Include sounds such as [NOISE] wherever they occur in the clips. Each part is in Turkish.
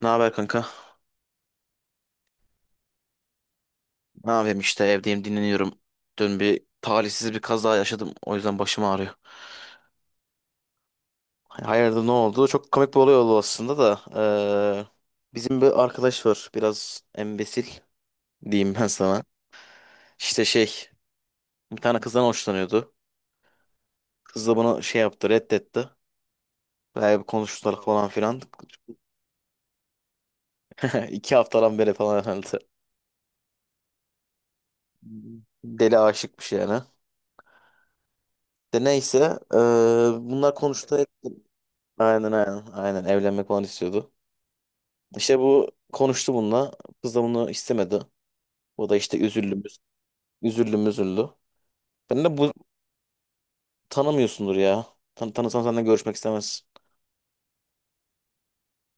Ne haber kanka? Ne yapayım işte evdeyim, dinleniyorum. Dün bir talihsiz bir kaza yaşadım. O yüzden başım ağrıyor. Hani hayırdır ne oldu? Çok komik bir olay oldu aslında da. eee, Bizim bir arkadaş var. Biraz embesil diyeyim ben sana. İşte şey, bir tane kızdan hoşlanıyordu. Kız da bunu şey yaptı, reddetti. Bayağı bir konuştular falan filan. [LAUGHS] 2 haftadan beri falan herhalde. Deli aşıkmış yani. De neyse, eee, bunlar konuştu. Aynen, aynen, aynen, evlenmek falan istiyordu. İşte bu konuştu bununla. Kız da bunu istemedi. O da işte üzüldü, üzüldü, müzüldü. Ben de bu tanımıyorsundur ya. Tanısan senden görüşmek istemez.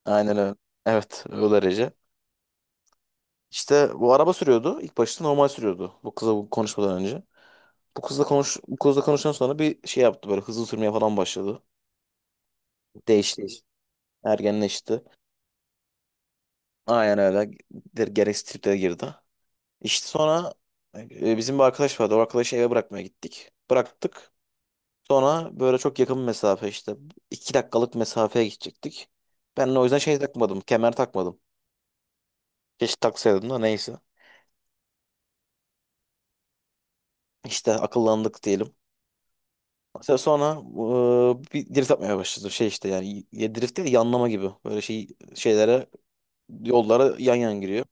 Aynen öyle. Evet, o derece. İşte bu araba sürüyordu. İlk başta normal sürüyordu, bu kızla bu konuşmadan önce. Bu kızla konuşan sonra bir şey yaptı, böyle hızlı sürmeye falan başladı. Değişti işte. Ergenleşti. Aynen öyle. Gereksiz triplere girdi. İşte sonra bizim bir arkadaş vardı. O arkadaşı eve bırakmaya gittik. Bıraktık. Sonra böyle çok yakın bir mesafe işte, 2 dakikalık mesafeye gidecektik. Ben de o yüzden şey takmadım, kemer takmadım. Keşke taksaydım da neyse. İşte akıllandık diyelim. Mesela sonra bir drift atmaya başladı. Şey işte, yani ya drift değil de yanlama gibi. Böyle şey, şeylere, yollara yan yan giriyor.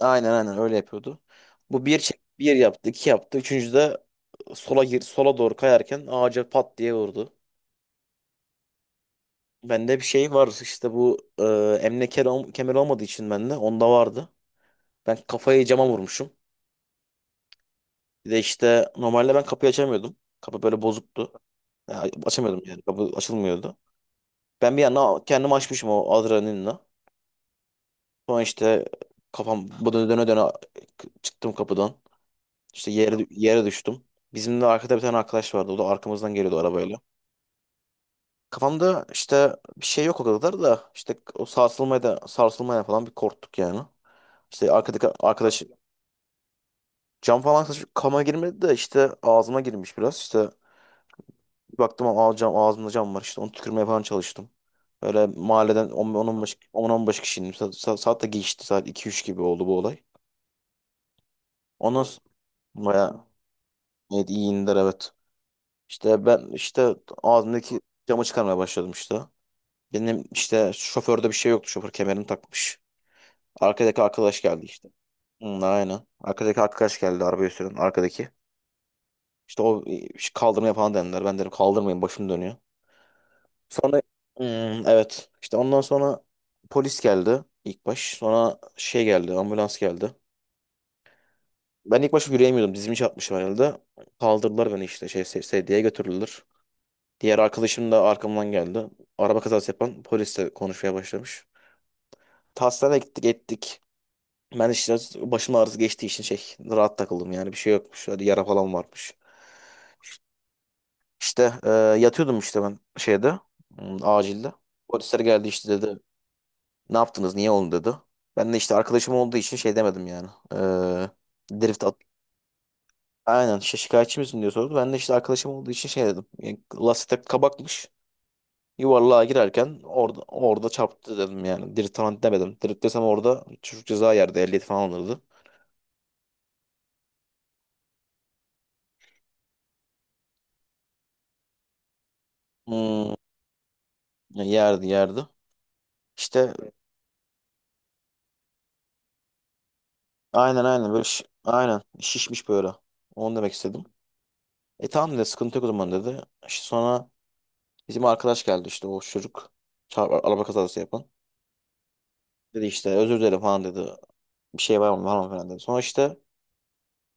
Aynen, aynen öyle yapıyordu. Bu bir bir yaptı, iki yaptı. Üçüncü de sola gir, sola doğru kayarken ağaca pat diye vurdu. Bende bir şey var işte, bu emniyet kemer olmadığı için bende onda vardı. Ben kafayı cama vurmuşum. Bir de işte normalde ben kapıyı açamıyordum. Kapı böyle bozuktu. Ya, açamıyordum yani. Kapı açılmıyordu. Ben bir yana kendimi açmışım o adrenalinle. Sonra işte kafam bu döne döne döne çıktım kapıdan. İşte yere düştüm. Bizim de arkada bir tane arkadaş vardı. O da arkamızdan geliyordu arabayla. Kafamda işte bir şey yok o kadar da, işte o sarsılmaya da sarsılmaya falan bir korktuk yani. İşte arkadaki arkadaş cam falan saçıp kama girmedi de işte ağzıma girmiş biraz. İşte bir baktım cam, ağzımda cam var işte, onu tükürmeye falan çalıştım. Böyle mahalleden 10-15, 10-15 kişinin saat de geçti, saat 2-3 gibi oldu bu olay. Ondan sonra bayağı, evet, iyi indiler, evet. İşte ben işte ağzımdaki camı çıkarmaya başladım işte. Benim işte şoförde bir şey yoktu, şoför kemerini takmış. Arkadaki arkadaş geldi işte. Hı, aynen. Arkadaki arkadaş geldi, arabayı süren arkadaki. İşte o, kaldırmaya falan denediler. Ben dedim kaldırmayın, başım dönüyor. Sonra evet, işte ondan sonra polis geldi ilk baş. Sonra şey geldi, ambulans geldi. Ben ilk başta yürüyemiyordum, dizimi çarpmışım herhalde. Kaldırdılar beni işte, şey sedyeye götürüldüler. Diğer arkadaşım da arkamdan geldi. Araba kazası yapan polisle konuşmaya başlamış. Hastaneye gittik ettik. Ben işte başım ağrısı geçtiği için şey rahat takıldım yani, bir şey yokmuş. Hadi, yara falan varmış. İşte yatıyordum işte ben şeyde, acilde. Polisler geldi işte, dedi ne yaptınız, niye oldu dedi. Ben de işte arkadaşım olduğu için şey demedim yani. Drift at. Aynen işte şikayetçi misin diye sordu. Ben de işte arkadaşım olduğu için şey dedim. Yani lastik kabakmış. Yuvarlığa girerken orada çarptı dedim yani. Drift falan demedim. Drift desem orada çocuk ceza yerdi. Ehliyet falan alırdı. Hmm, yerdi, yerdi. İşte aynen, aynen böyle aynen şişmiş böyle. Onu demek istedim. E tamam dedi, sıkıntı yok o zaman dedi. İşte sonra bizim arkadaş geldi işte, o çocuk. Çarp, araba kazası yapan. Dedi işte özür dilerim falan dedi. Bir şey var mı, var mı falan dedi. Sonra işte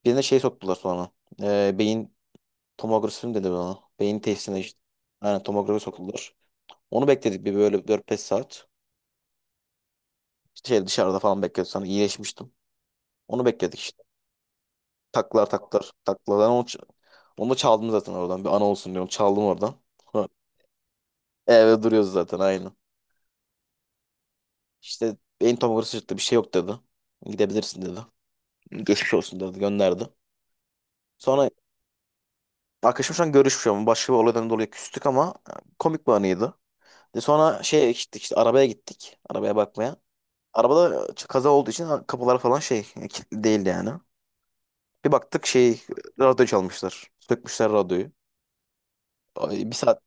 birine şey soktular sonra. Beyin tomografi mi dedi bana. Beyin testine işte. Aynen, tomografi soktular. Onu bekledik bir böyle 4-5 saat. İşte şey dışarıda falan bekledik, sonra iyileşmiştim. Onu bekledik işte. Taklar, taklar, taklar. Ben onu, onu da çaldım zaten oradan. Bir ana olsun diyorum. Çaldım oradan. Sonra evde duruyoruz zaten aynı. İşte beyin tomografi çıktı, bir şey yok dedi. Gidebilirsin dedi. Geçmiş olsun dedi, gönderdi. Sonra arkadaşım şu an görüşmüyor ama başka bir olaydan dolayı küstük, ama komik bir anıydı. De sonra şeye gittik işte, arabaya gittik, arabaya bakmaya. Arabada kaza olduğu için kapılar falan şey, kilitli değildi yani. Bir baktık şey, radyo çalmışlar. Sökmüşler radyoyu. Ay, bir saat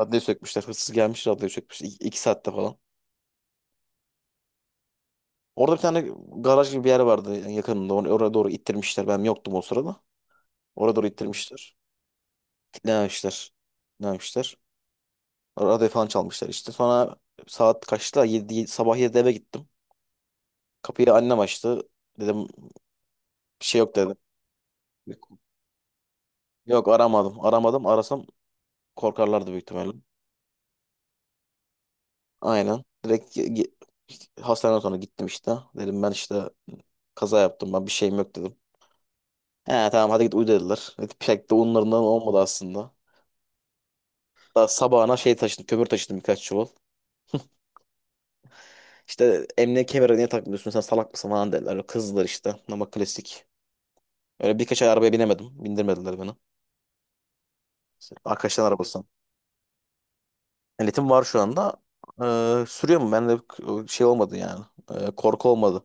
radyoyu sökmüşler. Hırsız gelmiş, radyoyu sökmüşler. İki, 2 saatte falan. Orada bir tane garaj gibi bir yer vardı yani yakınında. Oraya doğru ittirmişler. Ben yoktum o sırada. Oraya doğru ittirmişler. Kilitlememişler. Kilitlememişler. Radyo falan çalmışlar işte. Sonra saat kaçta, yedi, sabah 7'de eve gittim. Kapıyı annem açtı. Dedim bir şey yok dedim. Yok, aramadım. Aramadım. Arasam korkarlardı büyük ihtimalle. Aynen. Direkt hastaneden sonra gittim işte. Dedim ben işte kaza yaptım, ben bir şeyim yok dedim. He tamam, hadi git uyu dediler. Evet, pek de onlarından olmadı aslında. Daha sabahına şey taşıdım, kömür taşıdım birkaç çuval. İşte emniyet kemeri niye takmıyorsun, sen salak mısın falan dediler. Kızdılar işte, ama klasik. Öyle birkaç ay arabaya binemedim. Bindirmediler beni. İşte arkadaşların arabası. Ehliyetim var şu anda. Sürüyor mu? Ben de şey olmadı yani. Korku olmadı.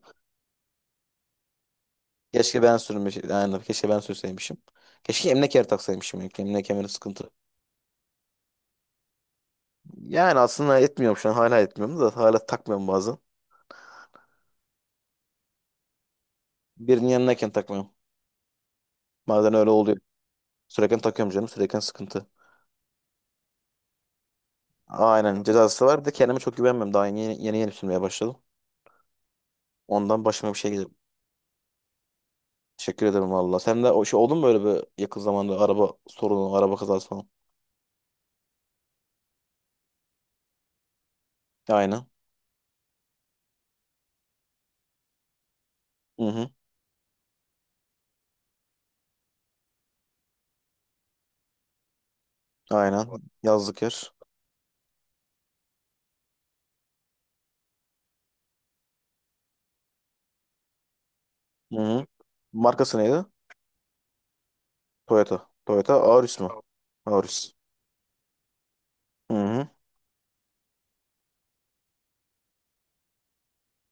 Keşke ben yani keşke ben sürseymişim. Keşke emlak kemeri taksaymışım. Yani emlak kemeri sıkıntı. Yani aslında etmiyorum şu an. Hala etmiyorum da, hala takmıyorum bazen. Birinin yanındayken takmıyorum. Bazen öyle oluyor. Sürerken takıyorum canım. Sürerken sıkıntı. Aynen, cezası var. Bir de kendime çok güvenmiyorum. Daha yeni sürmeye başladım. Ondan başıma bir şey gelir. Teşekkür ederim valla. Sen de o şey oldu mu böyle, bir yakın zamanda araba sorunu, araba kazası falan? Aynen. Hı hı. Aynen. Yazlık yer. Hı hı. Markası neydi? Toyota. Toyota Auris mi? Auris. Hı hı.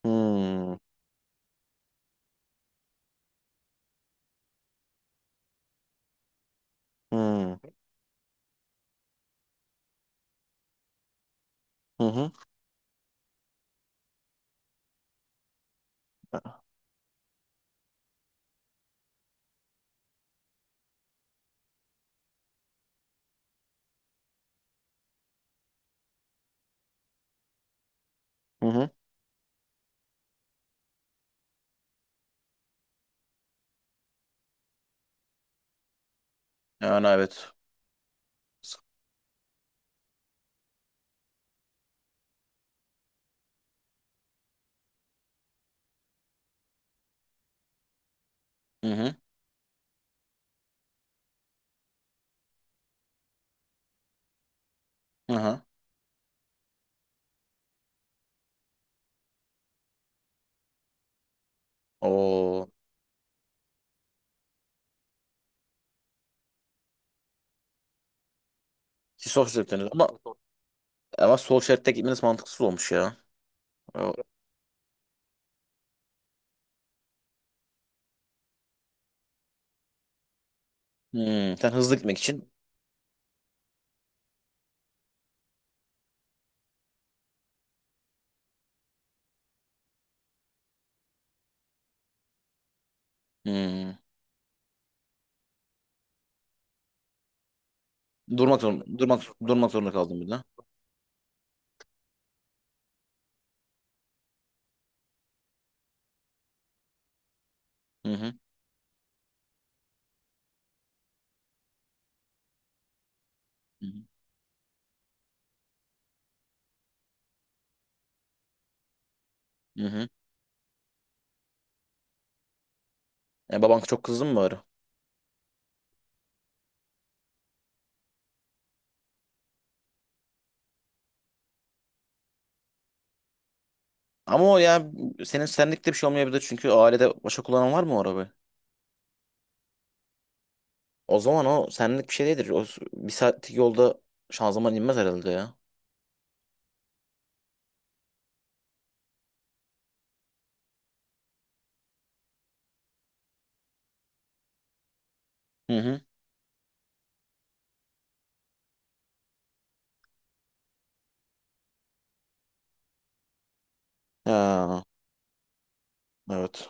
Hı hı. Hı hı. Hı hı. Yani evet. Hı hı. Hı hı. O ki sol şeritteniz, ama sol şeritte gitmeniz mantıksız olmuş ya. O- Hmm. Sen hızlı gitmek için hmm. Durmak zorunda kaldın bir de. Hı hı. Hı hı. Hı hı. E, baban çok kızdı mı bari? Ama o ya, senin senlikte bir şey olmayabilir, çünkü ailede başka kullanan var mı o arabayı? O zaman o senlik bir şey değildir. Bir saatlik yolda şanzıman inmez herhalde ya. Hı hı. Ha, evet.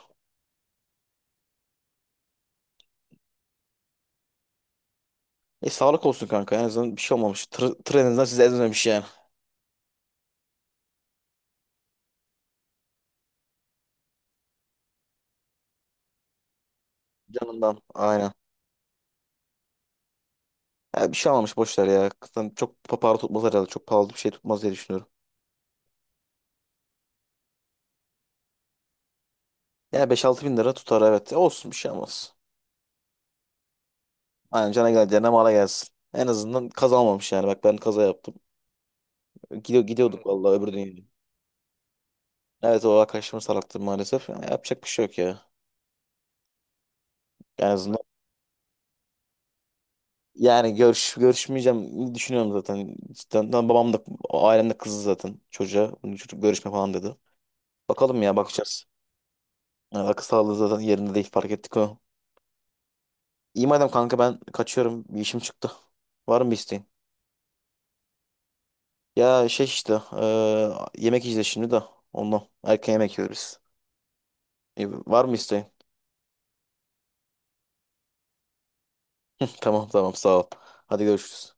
E, sağlık olsun kanka. En azından bir şey olmamış. Tır en azından sizi ezmemiş yani. Canından. Aynen. Ya bir şey olmamış, boş ver ya. Zaten çok para tutmaz herhalde. Çok pahalı bir şey tutmaz diye düşünüyorum. Yani 5-6 bin lira tutar, evet. E olsun, bir şey olmaz. Aynen, cana geleceğine mala gelsin. En azından kaza olmamış yani. Bak ben kaza yaptım. Gidiyorduk vallahi öbür dünyaya. Evet, o arkadaşımın salaktı maalesef. Ya, yapacak bir şey yok ya. En azından yani görüşmeyeceğim düşünüyorum zaten. Cidden lan, babam da ailem de kızdı zaten çocuğa. Bunu çocuk görüşme falan dedi. Bakalım ya, bakacağız. Yani akıl sağlığı zaten yerinde değil, fark ettik onu. İyi madem kanka, ben kaçıyorum. Bir işim çıktı. Var mı bir isteğin? Ya şey işte, yemek yiyeceğiz şimdi de ondan. Erken yemek yiyoruz. İyi, var mı isteğin? [LAUGHS] Tamam, tamam, sağ ol. Hadi görüşürüz.